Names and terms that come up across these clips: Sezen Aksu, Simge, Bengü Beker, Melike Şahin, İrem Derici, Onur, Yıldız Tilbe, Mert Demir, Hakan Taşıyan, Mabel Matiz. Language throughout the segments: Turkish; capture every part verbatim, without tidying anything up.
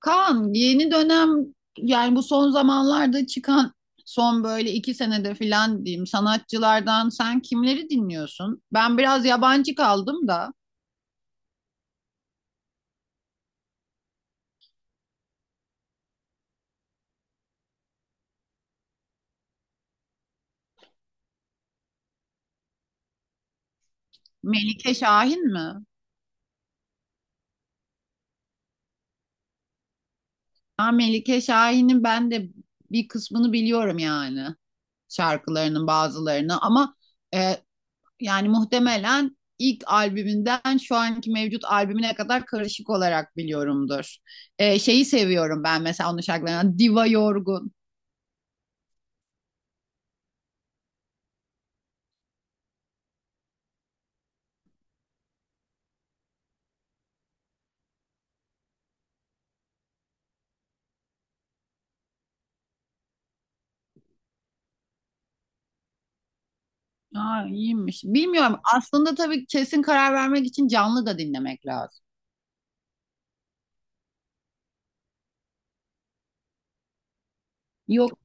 Kaan yeni dönem, yani bu son zamanlarda çıkan son böyle iki senede filan diyeyim sanatçılardan sen kimleri dinliyorsun? Ben biraz yabancı kaldım da. Melike Şahin mi? Ha, Melike Şahin'in ben de bir kısmını biliyorum, yani şarkılarının bazılarını, ama e, yani muhtemelen ilk albümünden şu anki mevcut albümüne kadar karışık olarak biliyorumdur. E, şeyi seviyorum ben mesela onun şarkılarından, Diva Yorgun. Ha, iyiymiş. Bilmiyorum. Aslında tabii kesin karar vermek için canlı da dinlemek lazım. Yok,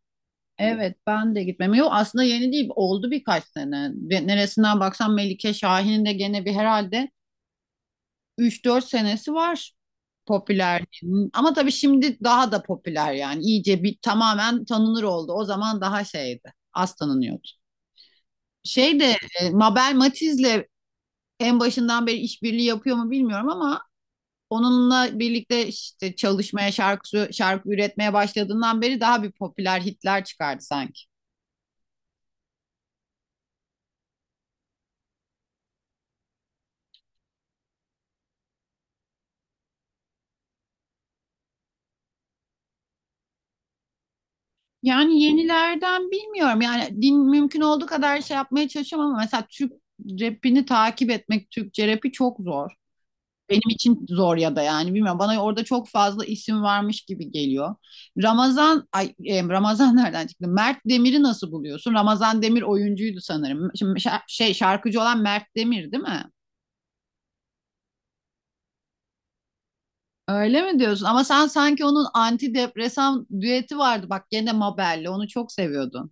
evet ben de gitmem. Yok, aslında yeni değil. Oldu birkaç sene. Ve neresinden baksan Melike Şahin'in de gene bir herhalde üç dört senesi var popüler. Ama tabii şimdi daha da popüler yani. İyice bir tamamen tanınır oldu. O zaman daha şeydi. Az tanınıyordu. Şey de e, Mabel Matiz'le en başından beri işbirliği yapıyor mu bilmiyorum, ama onunla birlikte işte çalışmaya, şarkı şarkı üretmeye başladığından beri daha bir popüler hitler çıkardı sanki. Yani yenilerden bilmiyorum. Yani din, mümkün olduğu kadar şey yapmaya çalışıyorum, ama mesela Türk rapini takip etmek, Türkçe rapi çok zor. Benim için zor ya da yani bilmiyorum. Bana orada çok fazla isim varmış gibi geliyor. Ramazan, ay, e, Ramazan nereden çıktı? Mert Demir'i nasıl buluyorsun? Ramazan Demir oyuncuydu sanırım. Şimdi şa- şey şarkıcı olan Mert Demir değil mi? Öyle mi diyorsun? Ama sen sanki onun antidepresan düeti vardı. Bak gene Mabel'le onu çok seviyordun.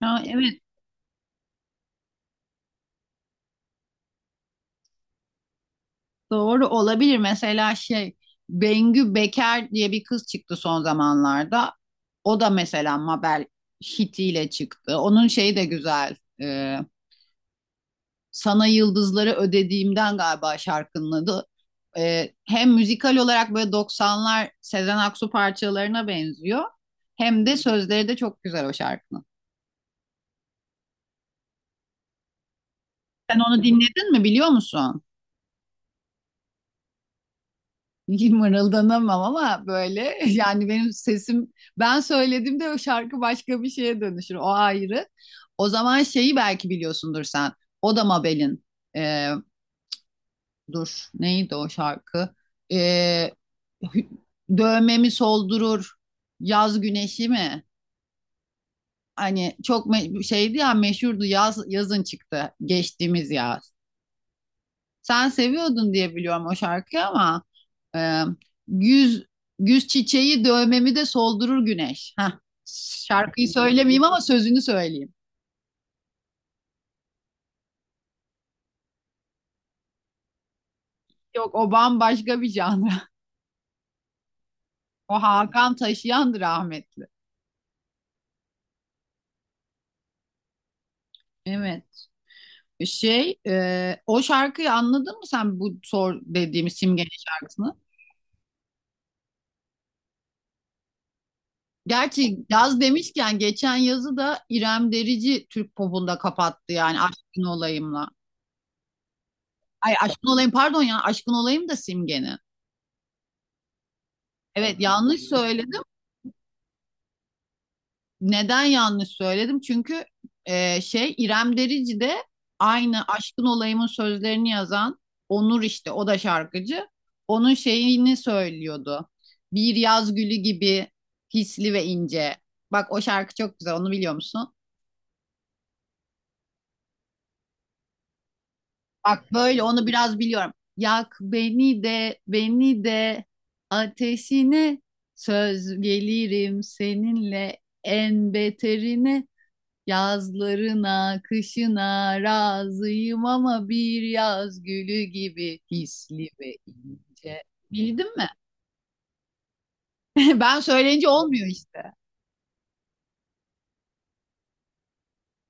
Ha, evet, doğru olabilir. Mesela şey, Bengü Beker diye bir kız çıktı son zamanlarda. O da mesela Mabel hitiyle çıktı. Onun şeyi de güzel. Ee, Sana Yıldızları Ödediğimden galiba şarkının adı. Ee, hem müzikal olarak böyle doksanlar Sezen Aksu parçalarına benziyor. Hem de sözleri de çok güzel o şarkının. Sen onu dinledin mi, biliyor musun? Mırıldanamam ama böyle, yani benim sesim, ben söylediğimde o şarkı başka bir şeye dönüşür. O ayrı. O zaman şeyi belki biliyorsundur sen. O da Mabel'in, e, dur neydi o şarkı? E, hü- dövmemi soldurur yaz güneşi mi? Hani çok me- şeydi ya, meşhurdu, yaz, yazın çıktı geçtiğimiz yaz. Sen seviyordun diye biliyorum o şarkıyı, ama e, güz güz çiçeği dövmemi de soldurur güneş. Heh, şarkıyı söylemeyeyim ama sözünü söyleyeyim. Yok, o bambaşka bir janra. O Hakan Taşıyan'dı rahmetli. Evet. Şey, e, o şarkıyı anladın mı sen, bu sor dediğimiz Simge'nin şarkısını? Gerçi yaz demişken geçen yazı da İrem Derici Türk popunda kapattı yani, Aşkın Olayım'la. Ay, Aşkın Olayım, pardon ya, Aşkın Olayım da Simge'nin. Evet, yanlış söyledim. Neden yanlış söyledim? Çünkü e, şey, İrem Derici de aynı Aşkın Olayım'ın sözlerini yazan Onur, işte o da şarkıcı. Onun şeyini söylüyordu. Bir yaz gülü gibi, hisli ve ince. Bak o şarkı çok güzel, onu biliyor musun? Bak böyle onu biraz biliyorum. Yak beni de, beni de ateşine, söz gelirim seninle en beterine. Yazlarına, kışına razıyım ama bir yaz gülü gibi, hisli ve ince. Bildin mi? Ben söyleyince olmuyor işte.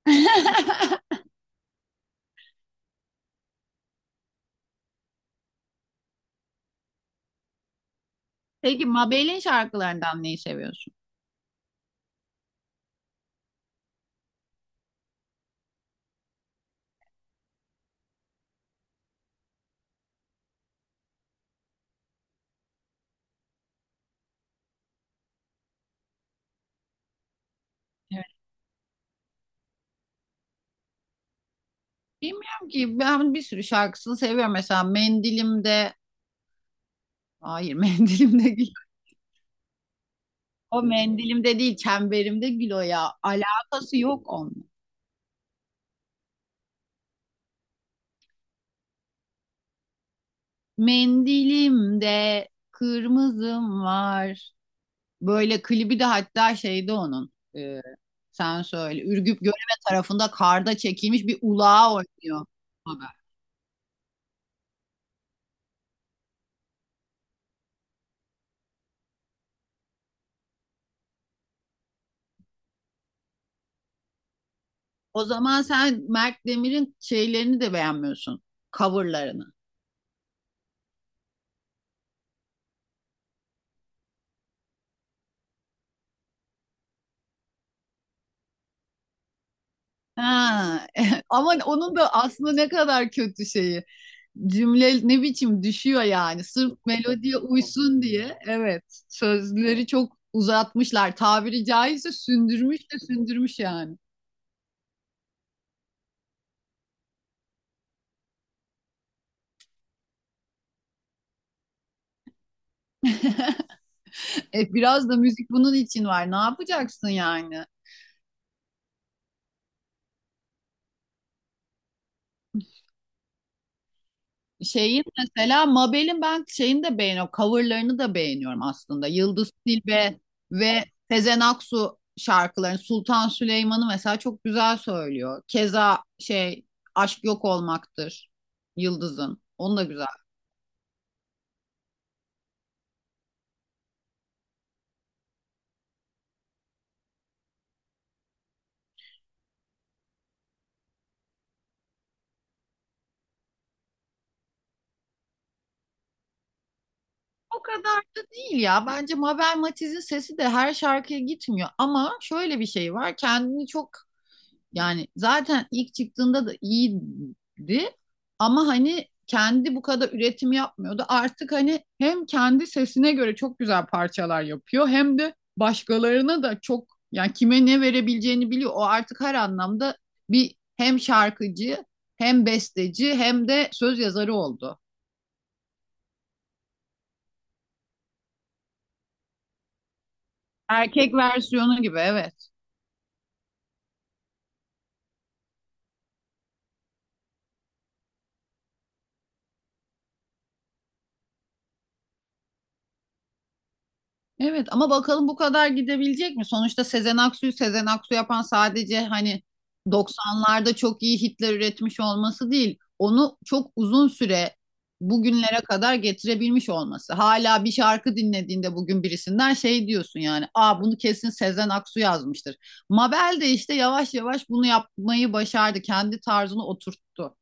Peki Mabel'in şarkılarından neyi seviyorsun? Evet. Bilmiyorum ki, ben bir sürü şarkısını seviyorum. Mesela Mendilimde, hayır Mendilimde gül. O Mendilimde değil, Çemberimde gül o ya. Alakası yok onun. Mendilimde kırmızım var. Böyle klibi de hatta, şeyde onun, e, sen söyle, Ürgüp Göreme tarafında karda çekilmiş bir ulağa oynuyor. Haber. O zaman sen Mert Demir'in şeylerini de beğenmiyorsun. Coverlarını. Ha. Ama onun da aslında ne kadar kötü şeyi. Cümle ne biçim düşüyor yani. Sırf melodiye uysun diye. Evet. Sözleri çok uzatmışlar. Tabiri caizse sündürmüş de sündürmüş yani. E, biraz da müzik bunun için var. Ne yapacaksın yani? Şeyin mesela, Mabel'in ben şeyini de beğeniyorum. Coverlarını da beğeniyorum aslında. Yıldız Tilbe ve Sezen Aksu şarkılarını, Sultan Süleyman'ı mesela çok güzel söylüyor. Keza şey, Aşk Yok Olmaktır, Yıldız'ın. Onu da güzel. O kadar da değil ya. Bence Mabel Matiz'in sesi de her şarkıya gitmiyor. Ama şöyle bir şey var. Kendini çok, yani zaten ilk çıktığında da iyiydi ama hani kendi bu kadar üretim yapmıyordu. Artık hani hem kendi sesine göre çok güzel parçalar yapıyor, hem de başkalarına da çok, yani kime ne verebileceğini biliyor. O artık her anlamda bir hem şarkıcı, hem besteci, hem de söz yazarı oldu. Erkek versiyonu gibi, evet. Evet ama bakalım bu kadar gidebilecek mi? Sonuçta Sezen Aksu'yu Sezen Aksu yapan sadece hani doksanlarda çok iyi hitler üretmiş olması değil. Onu çok uzun süre bugünlere kadar getirebilmiş olması. Hala bir şarkı dinlediğinde bugün birisinden şey diyorsun yani. Aa, bunu kesin Sezen Aksu yazmıştır. Mabel de işte yavaş yavaş bunu yapmayı başardı. Kendi tarzını oturttu.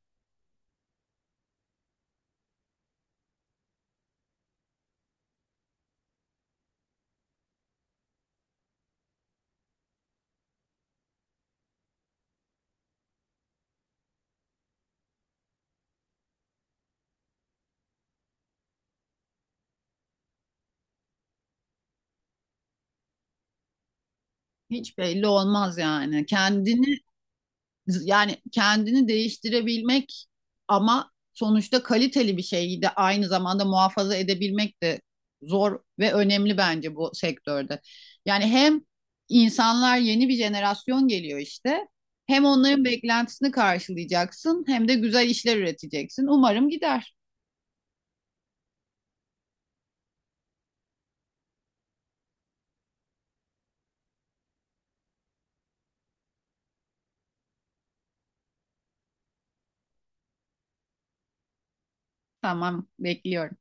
Hiç belli olmaz yani. Kendini, yani kendini değiştirebilmek ama sonuçta kaliteli bir şeyi de aynı zamanda muhafaza edebilmek de zor ve önemli bence bu sektörde. Yani hem insanlar, yeni bir jenerasyon geliyor işte. Hem onların beklentisini karşılayacaksın, hem de güzel işler üreteceksin. Umarım gider. Tamam, bekliyorum.